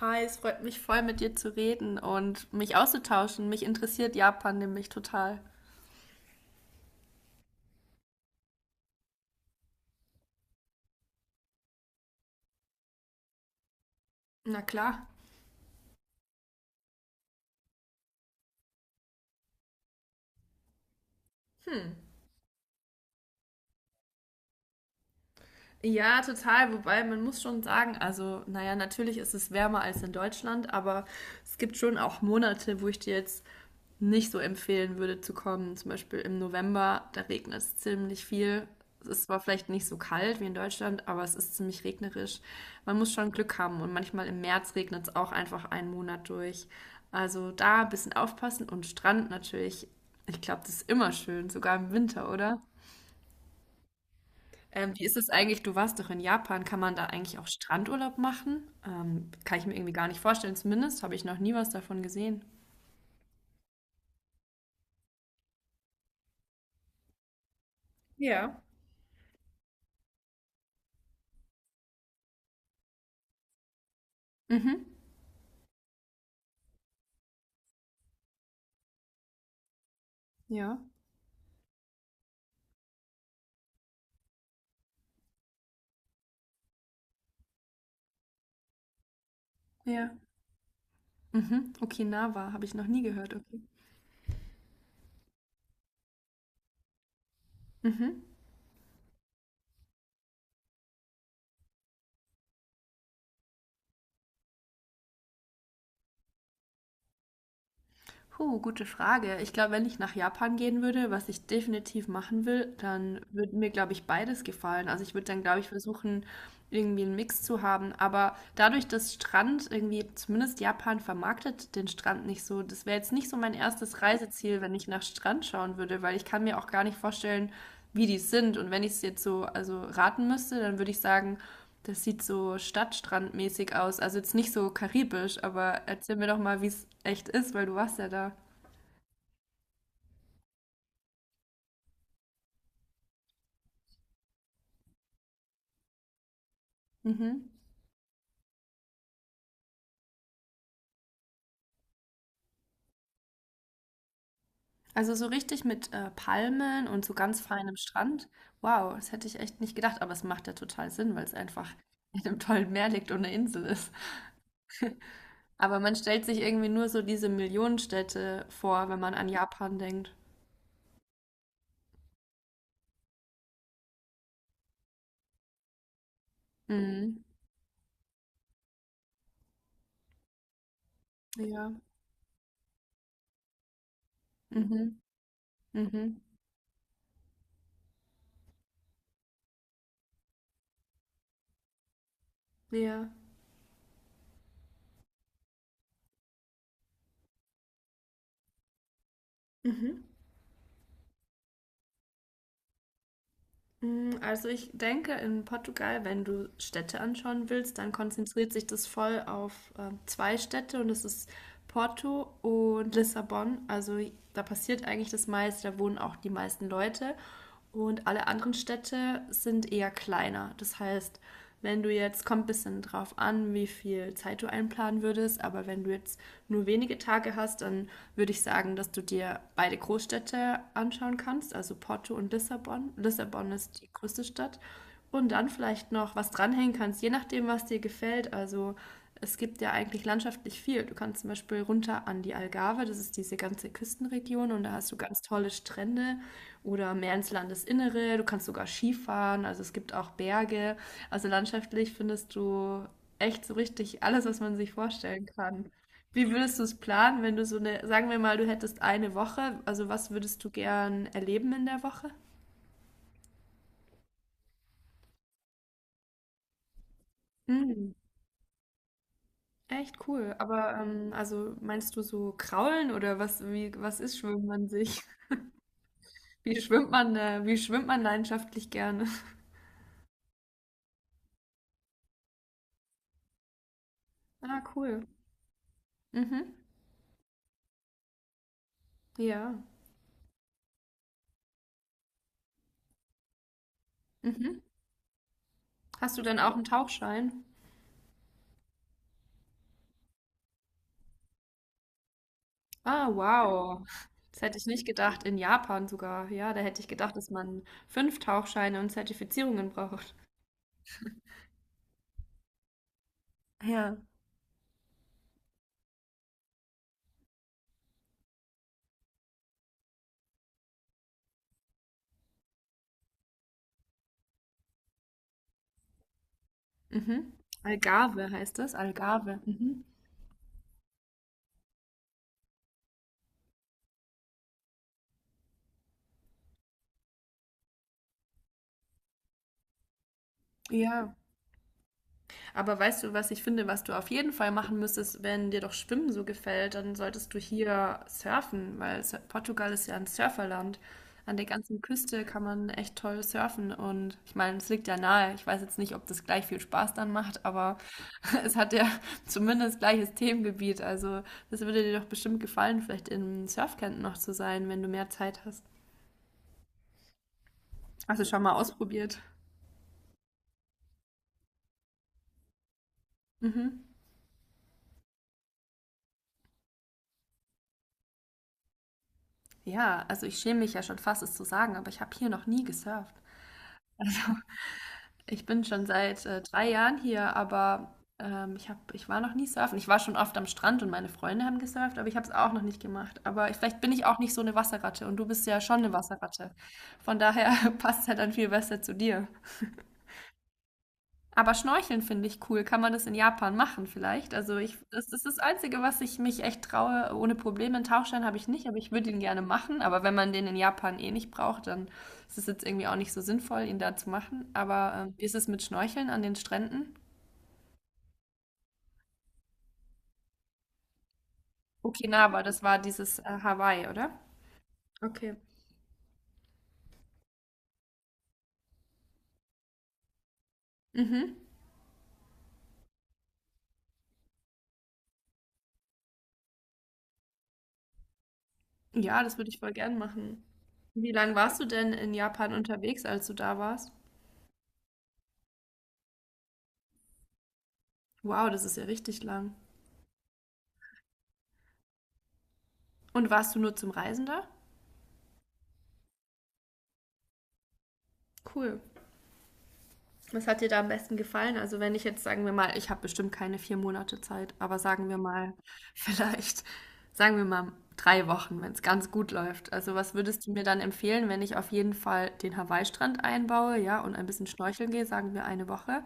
Hi, es freut mich voll, mit dir zu reden und mich auszutauschen. Mich interessiert Japan nämlich total. Na klar. Hm. Ja, total. Wobei man muss schon sagen, also, naja, natürlich ist es wärmer als in Deutschland, aber es gibt schon auch Monate, wo ich dir jetzt nicht so empfehlen würde zu kommen. Zum Beispiel im November, da regnet es ziemlich viel. Es ist zwar vielleicht nicht so kalt wie in Deutschland, aber es ist ziemlich regnerisch. Man muss schon Glück haben und manchmal im März regnet es auch einfach einen Monat durch. Also da ein bisschen aufpassen und Strand natürlich. Ich glaube, das ist immer schön, sogar im Winter, oder? Wie ist es eigentlich? Du warst doch in Japan. Kann man da eigentlich auch Strandurlaub machen? Kann ich mir irgendwie gar nicht vorstellen. Zumindest habe ich noch nie was davon gesehen. Ja. Mhm. Ja. Ja. Mhm. Okinawa habe ich noch nie gehört. Okay. Mhm. Puh, gute Frage. Ich glaube, wenn ich nach Japan gehen würde, was ich definitiv machen will, dann würde mir, glaube ich, beides gefallen. Also ich würde dann, glaube ich, versuchen, irgendwie einen Mix zu haben. Aber dadurch, dass Strand irgendwie, zumindest Japan vermarktet den Strand nicht so, das wäre jetzt nicht so mein erstes Reiseziel, wenn ich nach Strand schauen würde, weil ich kann mir auch gar nicht vorstellen, wie die sind. Und wenn ich es jetzt so, also raten müsste, dann würde ich sagen, das sieht so stadtstrandmäßig aus. Also jetzt nicht so karibisch, aber erzähl mir doch mal, wie es echt ist, weil du warst ja da. Mhm. Also so richtig mit Palmen und so ganz feinem Strand. Wow, das hätte ich echt nicht gedacht, aber es macht ja total Sinn, weil es einfach in einem tollen Meer liegt und eine Insel ist. Aber man stellt sich irgendwie nur so diese Millionenstädte vor, wenn man an Japan denkt. Mhm. Ja. Mhm. Mhm. Ja. Mhm. Mm, also ich denke, in Portugal, wenn du Städte anschauen willst, dann konzentriert sich das voll auf zwei Städte und das ist Porto und Lissabon. Also da passiert eigentlich das meiste, da wohnen auch die meisten Leute und alle anderen Städte sind eher kleiner. Das heißt, wenn du jetzt, kommt ein bisschen drauf an, wie viel Zeit du einplanen würdest, aber wenn du jetzt nur wenige Tage hast, dann würde ich sagen, dass du dir beide Großstädte anschauen kannst, also Porto und Lissabon. Lissabon ist die größte Stadt. Und dann vielleicht noch was dranhängen kannst, je nachdem, was dir gefällt. Also es gibt ja eigentlich landschaftlich viel. Du kannst zum Beispiel runter an die Algarve, das ist diese ganze Küstenregion und da hast du ganz tolle Strände oder mehr ins Landesinnere. Du kannst sogar Skifahren, also es gibt auch Berge. Also landschaftlich findest du echt so richtig alles, was man sich vorstellen kann. Wie würdest du es planen, wenn du so eine, sagen wir mal, du hättest eine Woche, also was würdest du gern erleben in der Woche? Hm, echt cool. Aber also meinst du so kraulen oder was, wie, was ist, schwimmt man sich? Wie schwimmt man leidenschaftlich gerne? Ah, cool. Mhm. Ja. Mhm. Hast du dann auch einen Tauchschein? Ah, wow. Das hätte ich nicht gedacht, in Japan sogar. Ja, da hätte ich gedacht, dass man fünf Tauchscheine und Zertifizierungen braucht. Ja. Mhm. Algarve heißt das, Algarve. Mhm. Ja. Aber weißt du, was ich finde, was du auf jeden Fall machen müsstest, wenn dir doch Schwimmen so gefällt, dann solltest du hier surfen, weil Portugal ist ja ein Surferland. An der ganzen Küste kann man echt toll surfen und ich meine, es liegt ja nahe. Ich weiß jetzt nicht, ob das gleich viel Spaß dann macht, aber es hat ja zumindest gleiches Themengebiet. Also das würde dir doch bestimmt gefallen, vielleicht im Surfcamp noch zu sein, wenn du mehr Zeit hast. Hast du schon mal ausprobiert? Mhm. Ja, also ich schäme mich ja schon fast, es zu sagen, aber ich habe hier noch nie gesurft. Ich bin schon seit 3 Jahren hier, aber ich war noch nie surfen. Ich war schon oft am Strand und meine Freunde haben gesurft, aber ich habe es auch noch nicht gemacht. Aber ich, vielleicht bin ich auch nicht so eine Wasserratte und du bist ja schon eine Wasserratte. Von daher passt es halt dann viel besser zu dir. Aber Schnorcheln finde ich cool. Kann man das in Japan machen vielleicht? Also ich, das ist das Einzige, was ich mich echt traue. Ohne Probleme. Einen Tauchschein habe ich nicht, aber ich würde ihn gerne machen. Aber wenn man den in Japan eh nicht braucht, dann ist es jetzt irgendwie auch nicht so sinnvoll, ihn da zu machen. Aber wie ist es mit Schnorcheln an den Stränden? Okinawa, das war dieses Hawaii, oder? Okay. Mhm. Ja, das würde ich voll gern machen. Wie lange warst du denn in Japan unterwegs, als du da warst? Wow, das ist ja richtig lang. Und warst du nur zum Reisen da? Cool. Was hat dir da am besten gefallen? Also wenn ich jetzt, sagen wir mal, ich habe bestimmt keine 4 Monate Zeit, aber sagen wir mal, vielleicht, sagen wir mal 3 Wochen, wenn es ganz gut läuft. Also was würdest du mir dann empfehlen, wenn ich auf jeden Fall den Hawaii-Strand einbaue, ja, und ein bisschen schnorcheln gehe, sagen wir eine Woche.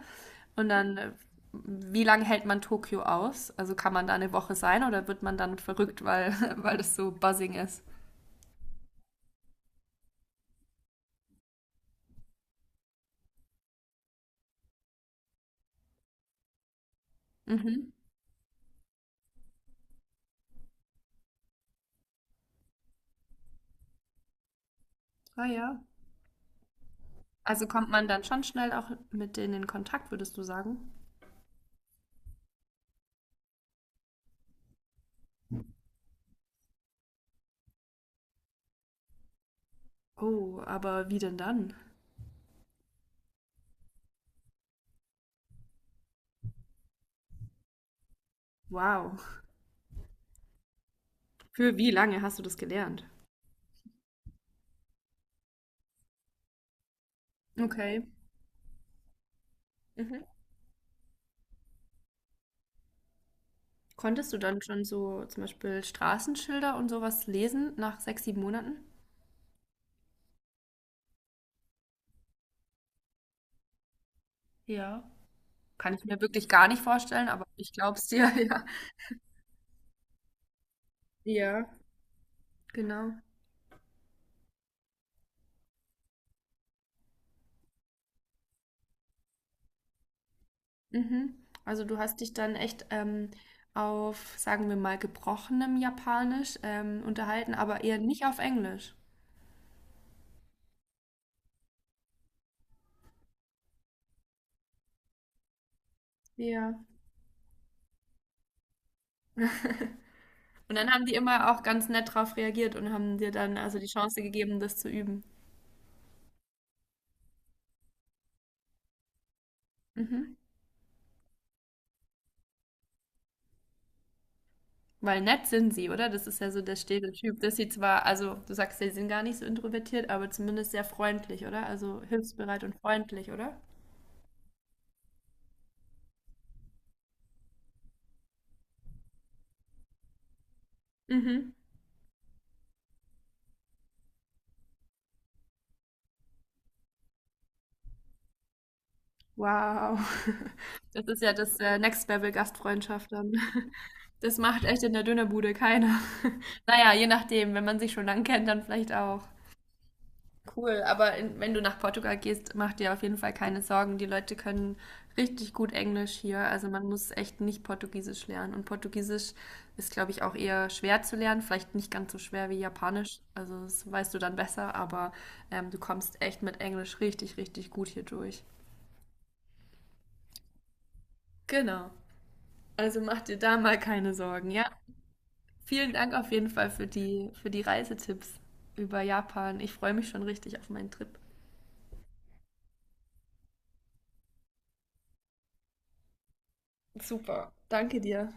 Und dann, wie lange hält man Tokio aus? Also kann man da eine Woche sein oder wird man dann verrückt, weil, weil das so buzzing ist? Mhm. Ah ja. Also kommt man dann schon schnell auch mit denen in Kontakt, würdest du sagen? Oh, aber wie denn dann? Wow. Für wie lange hast du das gelernt? Okay. Mhm. Konntest du dann schon so zum Beispiel Straßenschilder und sowas lesen nach sechs, sieben Monaten? Ja. Kann ich mir wirklich gar nicht vorstellen, aber ich glaub's dir, ja. Ja, genau. Mhm. Also du hast dich dann echt auf, sagen wir mal, gebrochenem Japanisch unterhalten, aber eher nicht auf Englisch. Ja. Und dann haben die immer auch ganz nett drauf reagiert und haben dir dann also die Chance gegeben, das zu üben. Mhm. Weil nett sind sie, oder? Das ist ja so der Stereotyp, dass sie zwar, also du sagst, ja, sie sind gar nicht so introvertiert, aber zumindest sehr freundlich, oder? Also hilfsbereit und freundlich, oder? Mhm. Wow. Das ist ja das Next Level Gastfreundschaft dann. Das macht echt in der Dönerbude keiner. Naja, je nachdem, wenn man sich schon lang kennt, dann vielleicht auch. Cool, aber in, wenn du nach Portugal gehst, mach dir auf jeden Fall keine Sorgen. Die Leute können richtig gut Englisch hier. Also man muss echt nicht Portugiesisch lernen. Und Portugiesisch ist, glaube ich, auch eher schwer zu lernen. Vielleicht nicht ganz so schwer wie Japanisch. Also das weißt du dann besser, aber du kommst echt mit Englisch richtig, richtig gut hier durch. Genau. Also mach dir da mal keine Sorgen, ja? Vielen Dank auf jeden Fall für die Reisetipps über Japan. Ich freue mich schon richtig auf meinen Trip. Super. Danke dir.